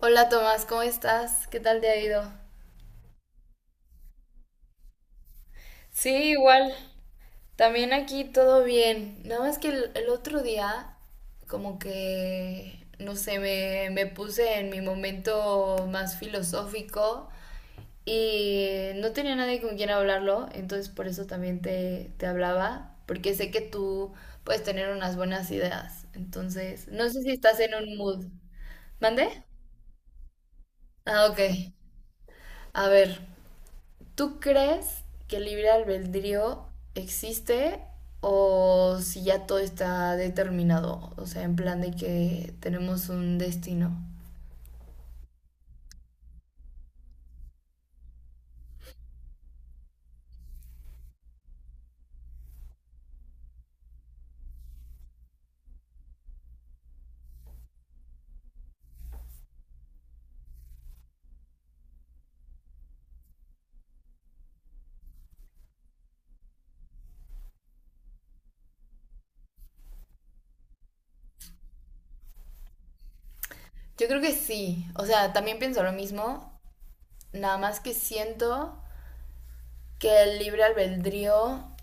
Hola Tomás, ¿cómo estás? ¿Qué tal te ha ido? Sí, igual. También aquí todo bien. Nada más que el otro día, como que, no sé, me puse en mi momento más filosófico y no tenía nadie con quien hablarlo, entonces por eso también te hablaba, porque sé que tú puedes tener unas buenas ideas. Entonces, no sé si estás en un mood. ¿Mande? Ah, ok. A ver. ¿Tú crees que el libre albedrío existe o si ya todo está determinado? O sea, en plan de que tenemos un destino. Yo creo que sí. O sea, también pienso lo mismo. Nada más que siento que el libre albedrío.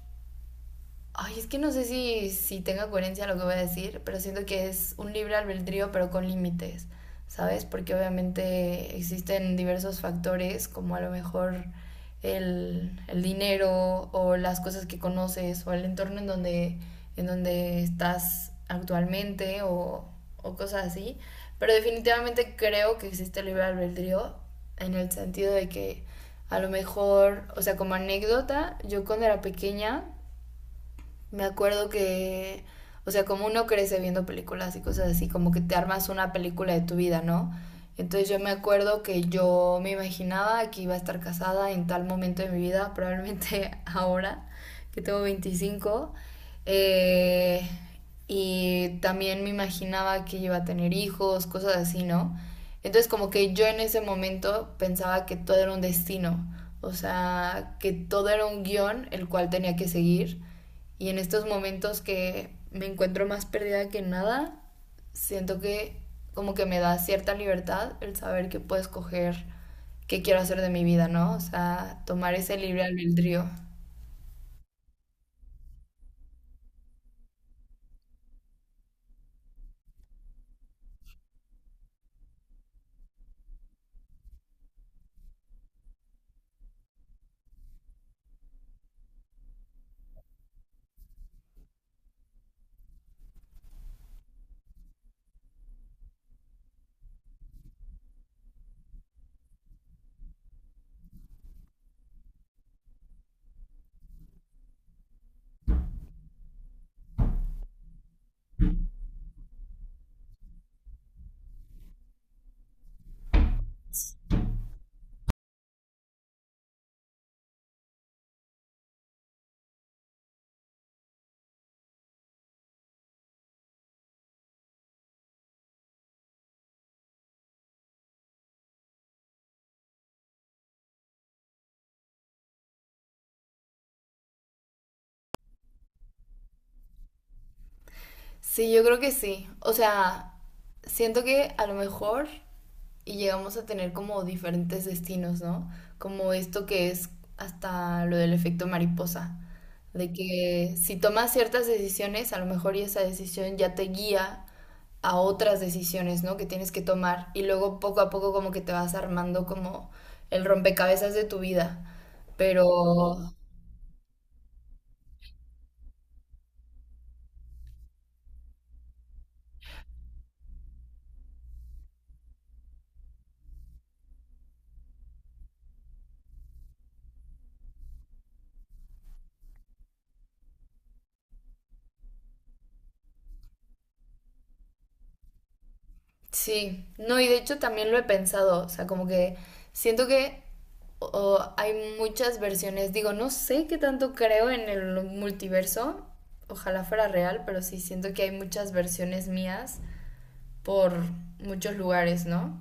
Ay, es que no sé si, si tenga coherencia lo que voy a decir, pero siento que es un libre albedrío, pero con límites, ¿sabes? Porque obviamente existen diversos factores, como a lo mejor el dinero o las cosas que conoces o el entorno en donde estás actualmente o cosas así. Pero definitivamente creo que existe el libre albedrío en el sentido de que a lo mejor, o sea, como anécdota, yo cuando era pequeña me acuerdo que, o sea, como uno crece viendo películas y cosas así, como que te armas una película de tu vida, ¿no? Entonces yo me acuerdo que yo me imaginaba que iba a estar casada en tal momento de mi vida, probablemente ahora, que tengo 25, eh, y también me imaginaba que iba a tener hijos, cosas así, ¿no? Entonces como que yo en ese momento pensaba que todo era un destino, o sea, que todo era un guión el cual tenía que seguir, y en estos momentos que me encuentro más perdida que nada, siento que como que me da cierta libertad el saber que puedo escoger qué quiero hacer de mi vida, ¿no? O sea, tomar ese libre albedrío. Sí, yo creo que sí. O sea, siento que a lo mejor y llegamos a tener como diferentes destinos, ¿no? Como esto que es hasta lo del efecto mariposa, de que si tomas ciertas decisiones, a lo mejor y esa decisión ya te guía a otras decisiones, ¿no? Que tienes que tomar, y luego poco a poco como que te vas armando como el rompecabezas de tu vida. Pero sí, no, y de hecho también lo he pensado, o sea, como que siento que hay muchas versiones, digo, no sé qué tanto creo en el multiverso, ojalá fuera real, pero sí siento que hay muchas versiones mías por muchos lugares, ¿no?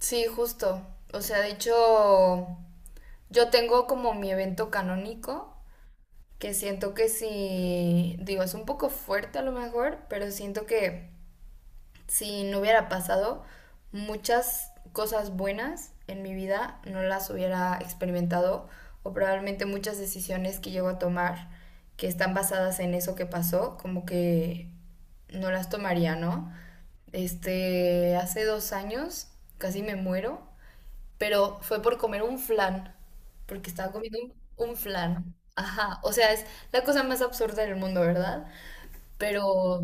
Sí, justo, o sea, de hecho, yo tengo como mi evento canónico, que siento que sí, digo, es un poco fuerte a lo mejor, pero siento que si no hubiera pasado, muchas cosas buenas en mi vida no las hubiera experimentado, o probablemente muchas decisiones que llego a tomar que están basadas en eso que pasó, como que no las tomaría, ¿no? Este, hace 2 años casi me muero, pero fue por comer un flan, porque estaba comiendo un flan. Ajá, o sea, es la cosa más absurda del mundo, ¿verdad? Pero,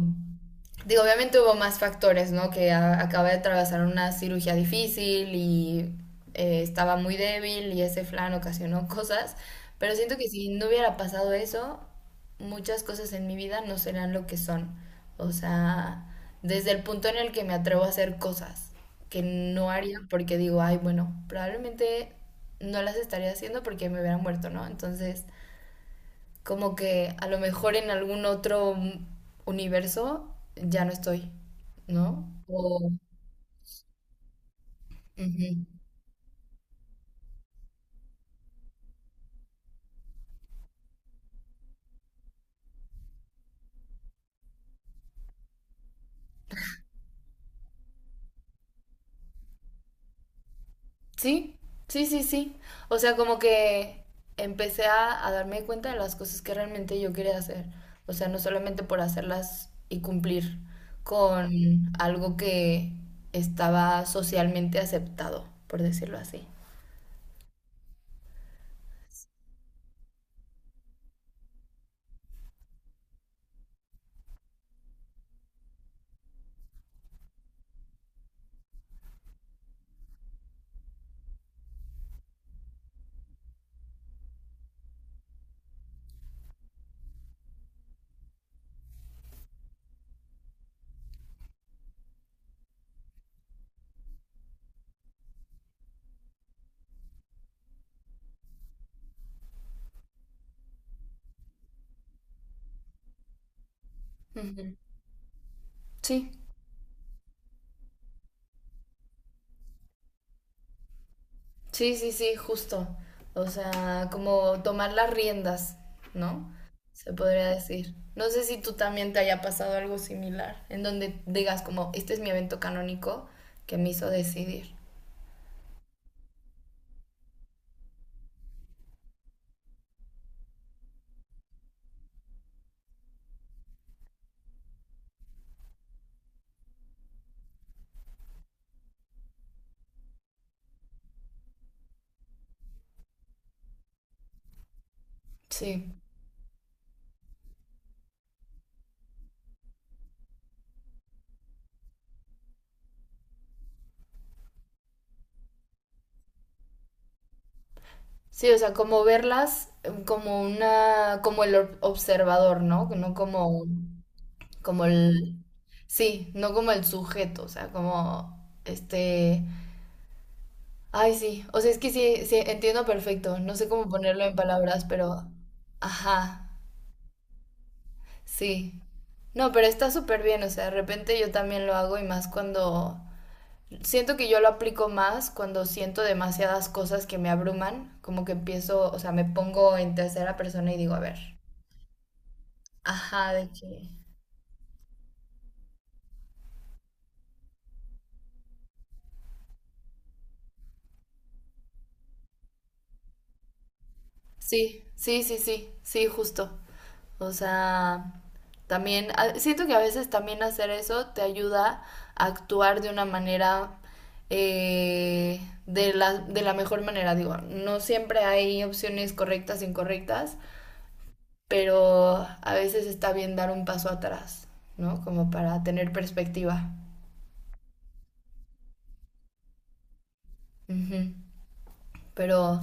digo, obviamente hubo más factores, ¿no? Que acaba de atravesar una cirugía difícil, y estaba muy débil y ese flan ocasionó cosas. Pero siento que si no hubiera pasado eso, muchas cosas en mi vida no serían lo que son. O sea, desde el punto en el que me atrevo a hacer cosas que no haría porque digo, ay, bueno, probablemente no las estaría haciendo porque me hubiera muerto, ¿no? Entonces, como que a lo mejor en algún otro universo ya no estoy, ¿no? O... Ujú. Sí, sí, sí, sí. O sea, como que empecé a darme cuenta de las cosas que realmente yo quería hacer. O sea, no solamente por hacerlas y cumplir con algo que estaba socialmente aceptado, por decirlo así. Ujú. Sí. Sí, sí, sí, justo. O sea, como tomar las riendas, ¿no? Se podría decir. No sé si tú también te haya pasado algo similar, en donde digas como, este es mi evento canónico que me hizo decidir. Sí. Sí, o sea, como verlas como una, como el ob- observador, ¿no? No como, como el, sí, no como el sujeto, o sea, como este, ay, sí. O sea, es que sí, sí, entiendo perfecto. No sé cómo ponerlo en palabras, pero... Ajá, sí. No, pero está súper bien. O sea, de repente yo también lo hago y más cuando... Siento que yo lo aplico más cuando siento demasiadas cosas que me abruman. Como que empiezo, o sea, me pongo en tercera persona y digo, a ver. Ajá, de que... Sí, sí, sí, sí, sí, justo. O sea, también a- siento que a veces también hacer eso te ayuda a actuar de una manera, eh, de la mejor manera. Digo, no siempre hay opciones correctas e incorrectas, pero a veces está bien dar un paso atrás, ¿no? Como para tener perspectiva. Ujú. Pero,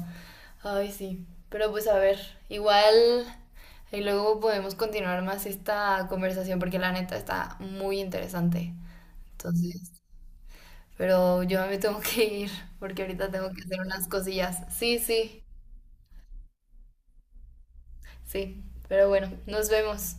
ay, sí. Pero pues a ver, igual y luego podemos continuar más esta conversación porque la neta está muy interesante. Entonces, pero yo me tengo que ir porque ahorita tengo que hacer unas cosillas. Sí, sí, sí. Pero bueno, nos vemos.